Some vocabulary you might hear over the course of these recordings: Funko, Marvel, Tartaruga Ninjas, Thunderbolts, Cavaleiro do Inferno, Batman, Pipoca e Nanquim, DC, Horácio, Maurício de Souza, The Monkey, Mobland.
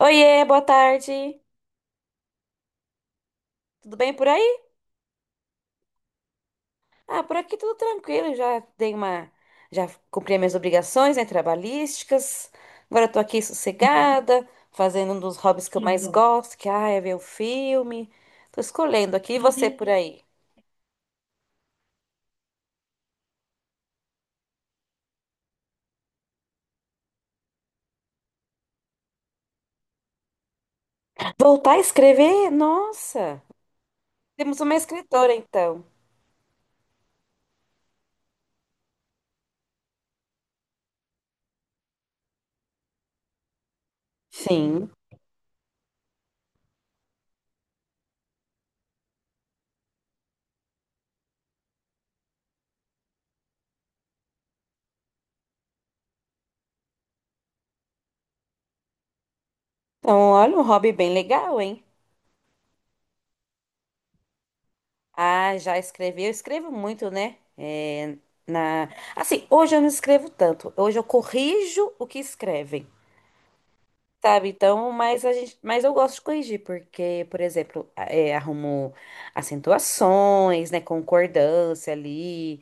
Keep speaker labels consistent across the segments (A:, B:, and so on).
A: Oiê, boa tarde. Tudo bem por aí? Ah, por aqui tudo tranquilo. Já cumpri as minhas obrigações, né, trabalhísticas. Agora eu tô aqui sossegada, fazendo um dos hobbies que eu mais, uhum, gosto, que ah, é ver o filme. Tô escolhendo aqui, e você por aí? Voltar a escrever? Nossa, temos uma escritora então. Sim. Então, olha um hobby bem legal, hein? Ah, já escrevi. Eu escrevo muito, né? É, na... assim, hoje eu não escrevo tanto. Hoje eu corrijo o que escrevem, sabe? Então, mas eu gosto de corrigir, porque, por exemplo, arrumo acentuações, né? Concordância ali.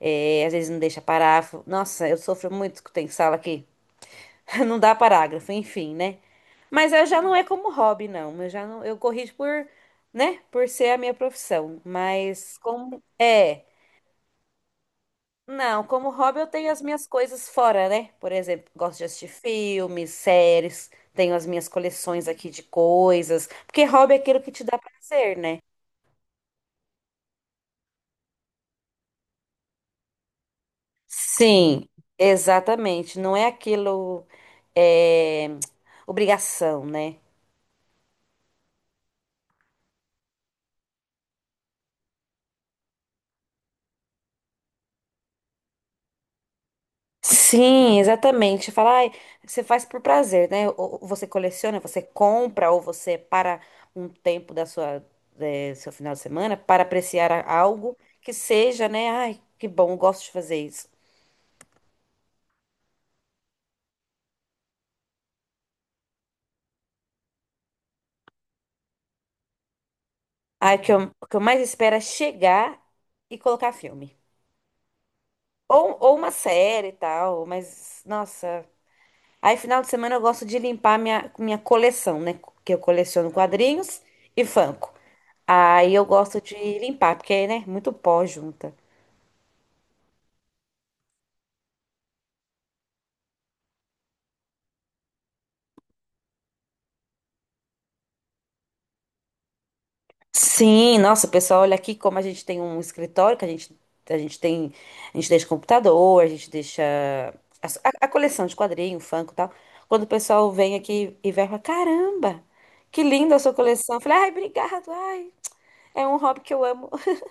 A: Às vezes não deixa parágrafo. Nossa, eu sofro muito que tem sala aqui. Não dá parágrafo, enfim, né? Mas eu já não é como hobby, não. Eu já não, eu corrijo por, né? Por ser a minha profissão. Mas como. É. Não, como hobby eu tenho as minhas coisas fora, né? Por exemplo, gosto de assistir filmes, séries, tenho as minhas coleções aqui de coisas, porque hobby é aquilo que te dá prazer, né? Sim, exatamente. Não é aquilo, é obrigação, né? Sim, exatamente. Falar, ai, você faz por prazer, né? Ou você coleciona, você compra, ou você para um tempo da seu final de semana para apreciar algo que seja, né? Ai, que bom, eu gosto de fazer isso. Ai, o que eu mais espero é chegar e colocar filme. Ou uma série e tal, mas, nossa. Aí, final de semana, eu gosto de limpar minha coleção, né? Que eu coleciono quadrinhos e Funko. Aí eu gosto de limpar, porque, né? Muito pó junta. Sim, nossa, pessoal, olha aqui como a gente tem um escritório que a gente tem. A gente deixa computador, a gente deixa coleção de quadrinho, Funko e tal. Quando o pessoal vem aqui e vai falar, caramba, que linda a sua coleção. Eu falei, ai, obrigado, ai, é um hobby que eu amo.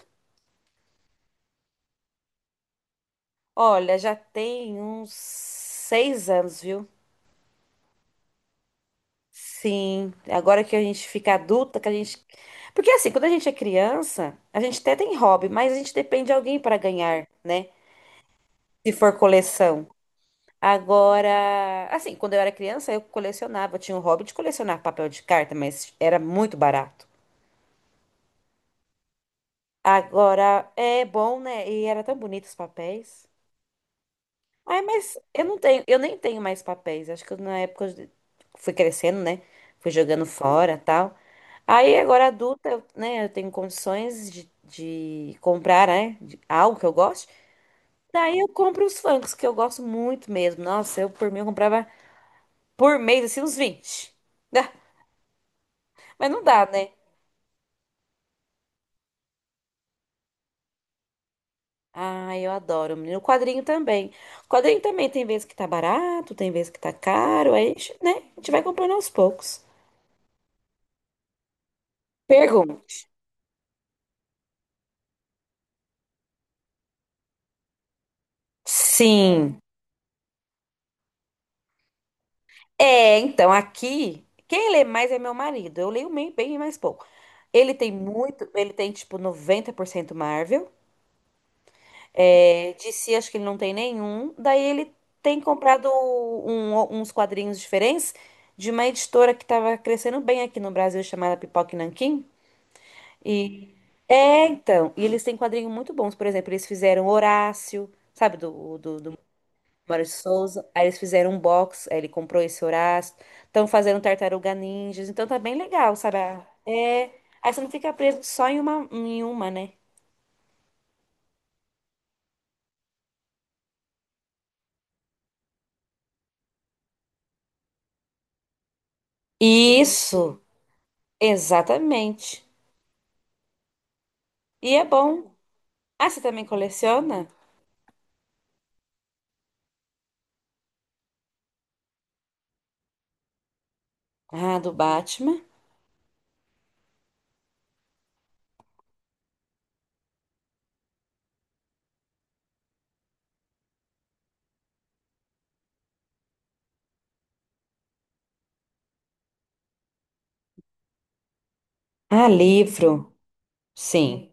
A: Olha, já tem uns 6 anos, viu? Sim, agora que a gente fica adulta, que a gente. Porque assim, quando a gente é criança, a gente até tem hobby, mas a gente depende de alguém para ganhar, né? Se for coleção. Agora, assim, quando eu era criança, eu colecionava, eu tinha o hobby de colecionar papel de carta, mas era muito barato. Agora é bom, né? E era tão bonito os papéis. Ai, mas eu nem tenho mais papéis. Acho que na época eu fui crescendo, né? Fui jogando fora, tal. Aí agora adulta, né, eu tenho condições de comprar, né, algo que eu gosto. Daí eu compro os Funkos, que eu gosto muito mesmo. Nossa, eu por mim eu comprava por mês, assim, uns 20. Ah, mas não dá, né? Ai, eu adoro, menino. O quadrinho também. O quadrinho também tem vezes que tá barato, tem vezes que tá caro. Aí, né, a gente vai comprando aos poucos. Pergunta. Sim. É, então aqui, quem lê mais é meu marido. Eu leio bem mais pouco. Ele tem tipo 90% Marvel. É, DC acho que ele não tem nenhum. Daí ele tem comprado uns quadrinhos diferentes de uma editora que estava crescendo bem aqui no Brasil chamada Pipoca e Nanquim. E e eles têm quadrinhos muito bons. Por exemplo, eles fizeram Horácio, sabe, do Maurício de Souza. Aí eles fizeram um box, aí ele comprou esse Horácio. Estão fazendo Tartaruga Ninjas, então tá bem legal, sabe? Ah, é. Aí você não fica preso só em uma, né? Isso, exatamente. E é bom. Ah, você também coleciona? Ah, do Batman. Ah, livro. Sim.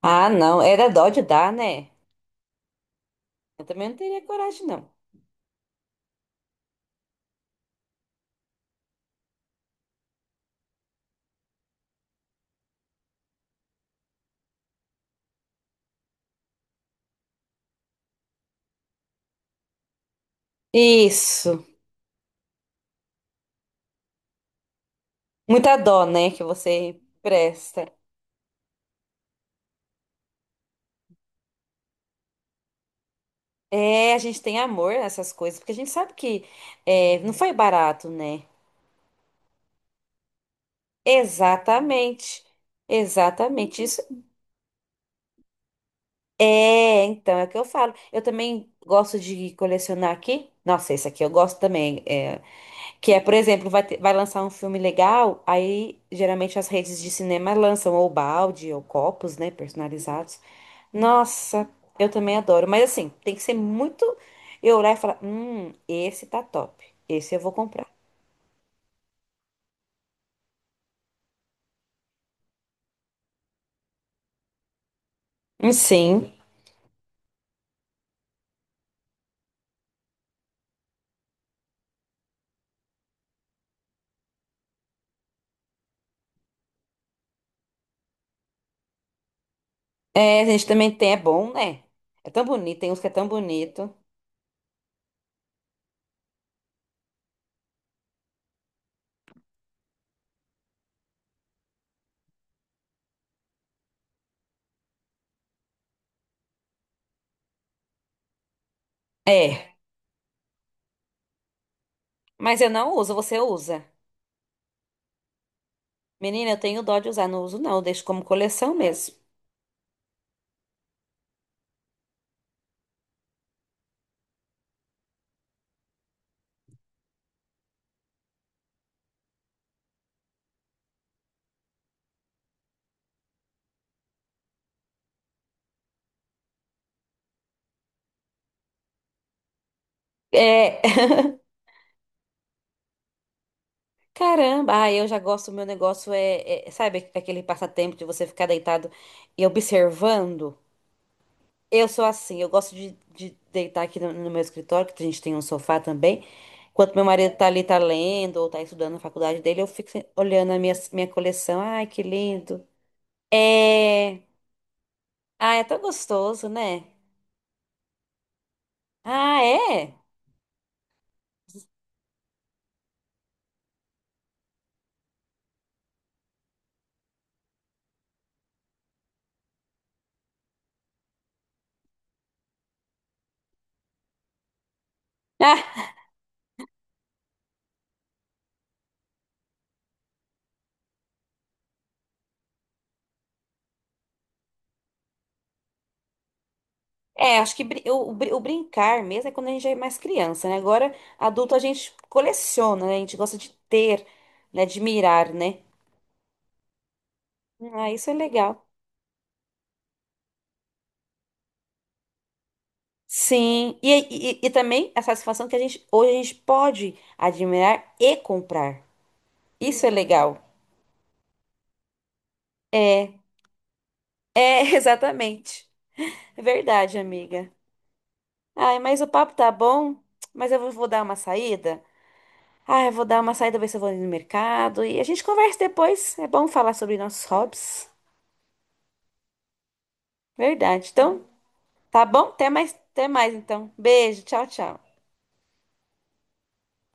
A: Ah, não. Era dó de dar, né? Eu também não teria coragem, não. Isso. Muita dó, né, que você presta. É, a gente tem amor nessas coisas, porque a gente sabe que não foi barato, né? Exatamente. Exatamente. Isso é, então, é o que eu falo. Eu também gosto de colecionar aqui. Nossa, esse aqui eu gosto também. Que é, por exemplo, vai lançar um filme legal, aí geralmente as redes de cinema lançam ou balde ou copos, né, personalizados. Nossa, eu também adoro. Mas assim, tem que ser muito. Eu olhar e falar: esse tá top. Esse eu vou comprar. Sim. É, a gente também tem, é bom, né? É tão bonito, tem uns que é tão bonito. É, mas eu não uso, você usa. Menina, eu tenho dó de usar, não uso não, eu deixo como coleção mesmo. É, caramba, ah, eu já gosto, meu negócio é, sabe, aquele passatempo de você ficar deitado e observando. Eu sou assim, eu gosto de deitar aqui no meu escritório, que a gente tem um sofá também. Enquanto meu marido tá ali, tá lendo ou tá estudando na faculdade dele, eu fico olhando a minha coleção. Ai, que lindo. É. Ah, é tão gostoso, né? Ah, é? Ah, é, acho que o brincar mesmo é quando a gente é mais criança, né? Agora, adulto, a gente coleciona, né? A gente gosta de ter, né? De mirar, né? Ah, isso é legal. Sim. E também a satisfação que hoje a gente pode admirar e comprar. Isso é legal. É, exatamente. É verdade, amiga. Ai, mas o papo tá bom, mas eu vou dar uma saída. Ah, eu vou dar uma saída, ver se eu vou ali no mercado. E a gente conversa depois. É bom falar sobre nossos hobbies. Verdade. Então, tá bom? Até mais então. Beijo, tchau, tchau.